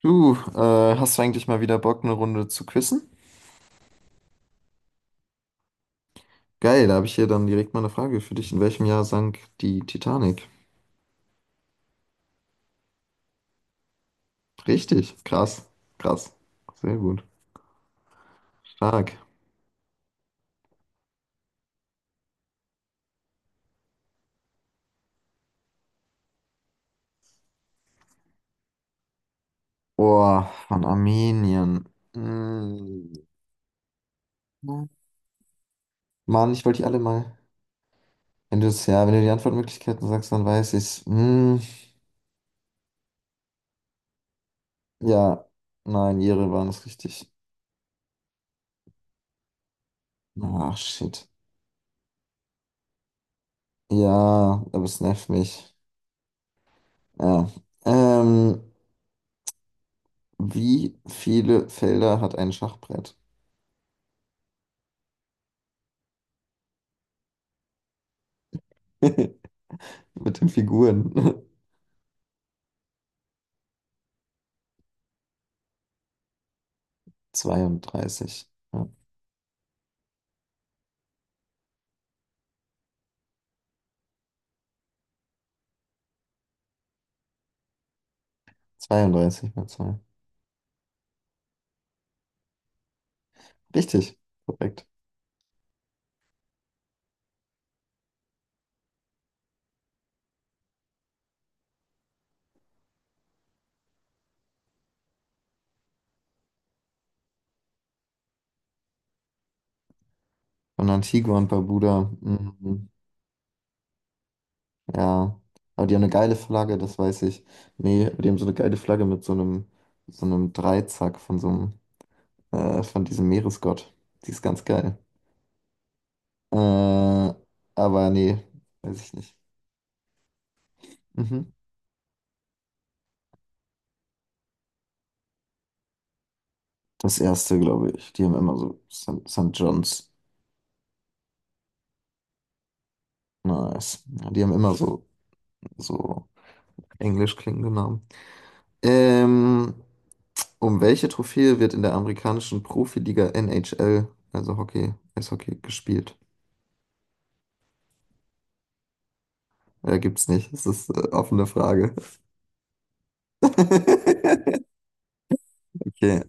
Du, hast du eigentlich mal wieder Bock, eine Runde zu quizzen? Geil, da habe ich hier dann direkt mal eine Frage für dich. In welchem Jahr sank die Titanic? Richtig, krass, krass. Sehr gut. Stark. Boah, von Armenien. Mm. Mann, ich wollte die alle mal. Wenn du es, ja, wenn du die Antwortmöglichkeiten sagst, dann weiß ich's. Mm, ja, nein, ihre waren es richtig. Ach, shit. Ja, aber es nervt mich. Ja. Ähm, Wie viele Felder hat ein Schachbrett? Mit den Figuren. 32. Ja, 32 mal zwei. Richtig, korrekt. Von Antigua und Barbuda. Mhm. Ja. Aber die haben eine geile Flagge, das weiß ich. Nee, aber die haben so eine geile Flagge mit so einem Dreizack von diesem Meeresgott. Die ist ganz geil. Äh, aber nee, weiß ich nicht. Mhm. Das erste, glaube ich. Die haben immer so Saint John's. Nice. Ja, die haben immer so englisch klingende Namen. Ähm, um welche Trophäe wird in der amerikanischen Profiliga NHL, also Hockey, Eishockey, gespielt? Gibt's nicht. Das ist offene Frage. Okay.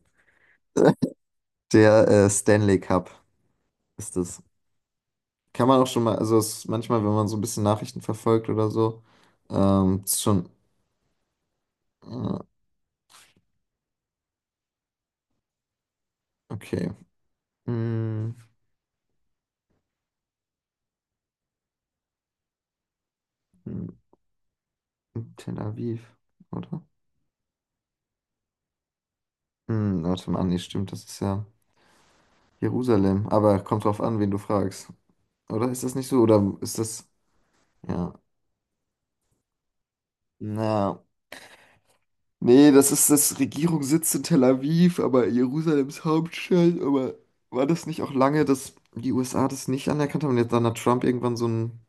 Der Stanley Cup ist es. Kann man auch schon mal, also es, manchmal, wenn man so ein bisschen Nachrichten verfolgt oder so, ist schon, äh, okay. Mm, mm, Tel Aviv, oder? Warte mal, nee, stimmt, das ist ja Jerusalem. Aber kommt drauf an, wen du fragst. Oder ist das nicht so? Oder ist das. Ja. Na. Nee, das ist das Regierungssitz in Tel Aviv, aber Jerusalems Hauptstadt. Aber war das nicht auch lange, dass die USA das nicht anerkannt haben und jetzt dann hat Trump irgendwann so einen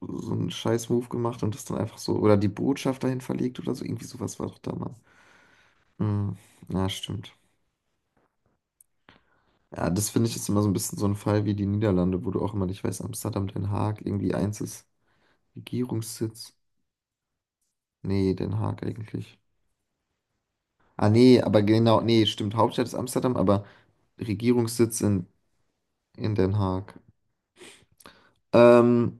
so einen Scheiß-Move gemacht und das dann einfach so. Oder die Botschaft dahin verlegt oder so. Irgendwie sowas war doch damals. Hm, ja, stimmt. Ja, das finde ich jetzt immer so ein bisschen so ein Fall wie die Niederlande, wo du auch immer nicht weißt, Amsterdam, Den Haag, irgendwie eins ist. Regierungssitz? Nee, Den Haag eigentlich. Ah, nee, aber genau, nee, stimmt. Hauptstadt ist Amsterdam, aber Regierungssitz in Den Haag. Ähm,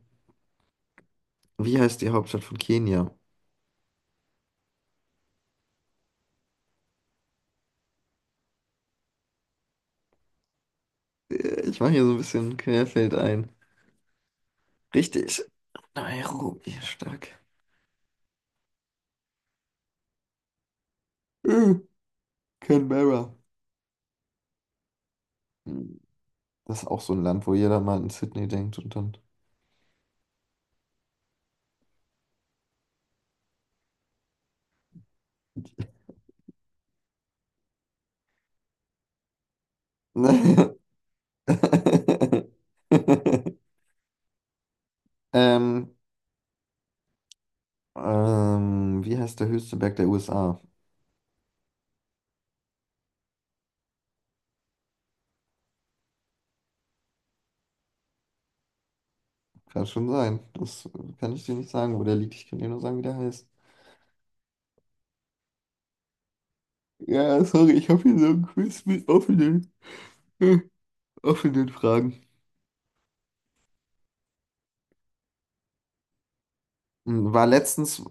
wie heißt die Hauptstadt von Kenia? Ich mache hier so ein bisschen Querfeld ein. Richtig. Nairobi, stark. Äh, Canberra. Hm, Das ist auch so ein Land, wo jeder mal an Sydney denkt und dann. Ähm, wie heißt der höchste Berg der USA? Kann schon sein. Das kann ich dir nicht sagen, wo der liegt. Ich kann dir nur sagen, wie der heißt. Ja, sorry, ich habe hier so ein Quiz mit offenen, offenen Fragen. Hm, War letztens,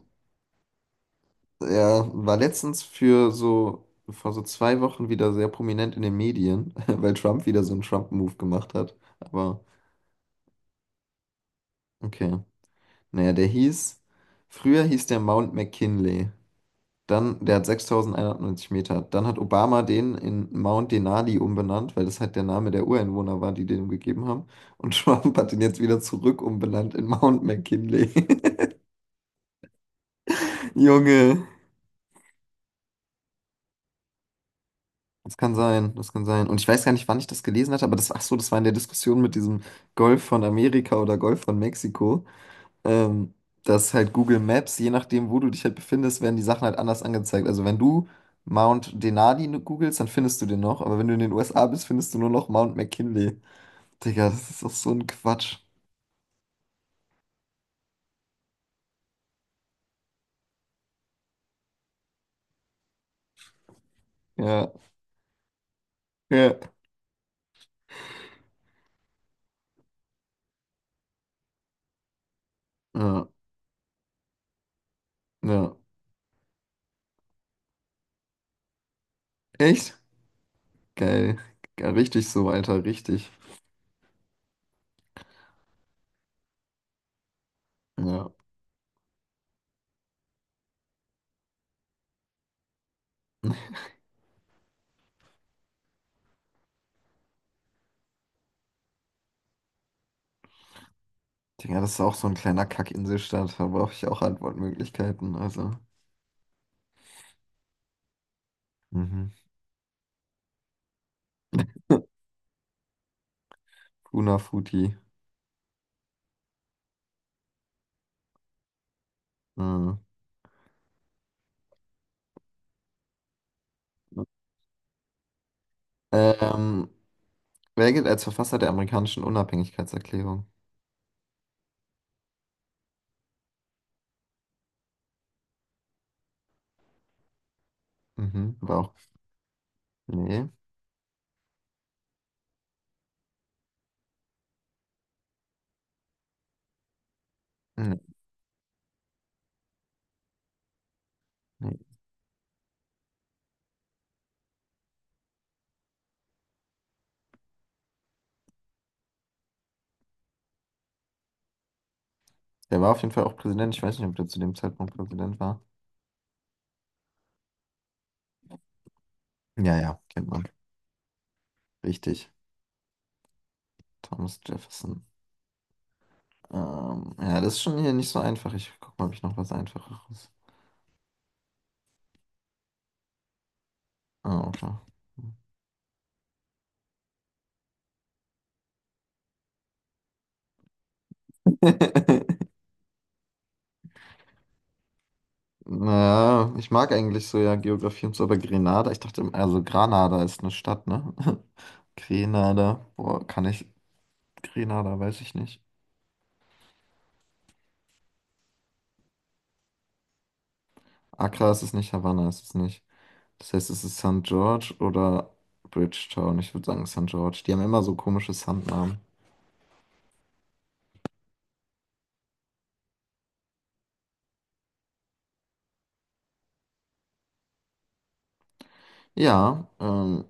ja, war letztens für so, vor so 2 Wochen wieder sehr prominent in den Medien, weil Trump wieder so einen Trump-Move gemacht hat. Aber okay. Naja, früher hieß der Mount McKinley. Dann, der hat 6190 Meter. Dann hat Obama den in Mount Denali umbenannt, weil das halt der Name der Ureinwohner war, die den ihm gegeben haben. Und Trump hat den jetzt wieder zurück umbenannt in Mount McKinley. Junge, das kann sein, das kann sein. Und ich weiß gar nicht, wann ich das gelesen hatte, ach so, das war in der Diskussion mit diesem Golf von Amerika oder Golf von Mexiko. ähm, dass halt Google Maps, je nachdem, wo du dich halt befindest, werden die Sachen halt anders angezeigt. Also wenn du Mount Denali ne, googelst, dann findest du den noch, aber wenn du in den USA bist, findest du nur noch Mount McKinley. Digga, das ist doch so ein Quatsch. Ja, ja, ja, ja. Echt? Geil. Ja, richtig so, Alter, richtig. Ja. Digga, das ist auch so ein kleiner Kack-Inselstaat, da brauche ich auch Antwortmöglichkeiten, also. Mhm. Funafuti. Mhm. Ähm, Wer gilt als Verfasser der amerikanischen Unabhängigkeitserklärung? Mhm, war auch. Nee. Nee. Nee. Der war auf jeden Fall auch Präsident. Ich weiß nicht, ob der zu dem Zeitpunkt Präsident war. Ja, ja, kennt man. Richtig. Thomas Jefferson. Ja, das ist schon hier nicht so einfach. Ich guck mal, ob ich noch was Einfacheres. Ah, okay. Naja, ich mag eigentlich so ja Geografie und so, aber Grenada, ich dachte, also Granada ist eine Stadt, ne? Grenada, boah, kann ich, Grenada, weiß ich nicht. Accra ist es nicht, Havanna ist es nicht. Das heißt, es ist St. George oder Bridgetown. Ich würde sagen St. George. Die haben immer so komische Sandnamen. Ja,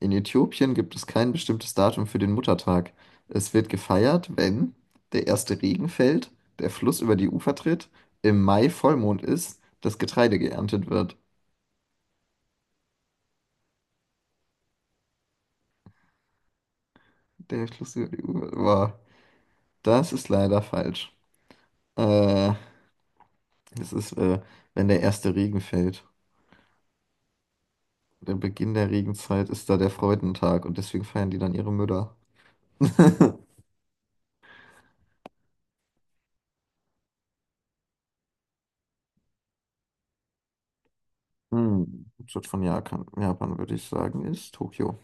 in Äthiopien gibt es kein bestimmtes Datum für den Muttertag. Es wird gefeiert, wenn der erste Regen fällt, der Fluss über die Ufer tritt, im Mai Vollmond ist, das Getreide geerntet wird. Der Fluss über die Ufer. Boah, das ist leider falsch. Äh, Es ist, wenn der erste Regen fällt. Der Beginn der Regenzeit ist da der Freudentag und deswegen feiern die dann ihre Mütter. Hauptstadt von Japan, Japan würde ich sagen, ist Tokio.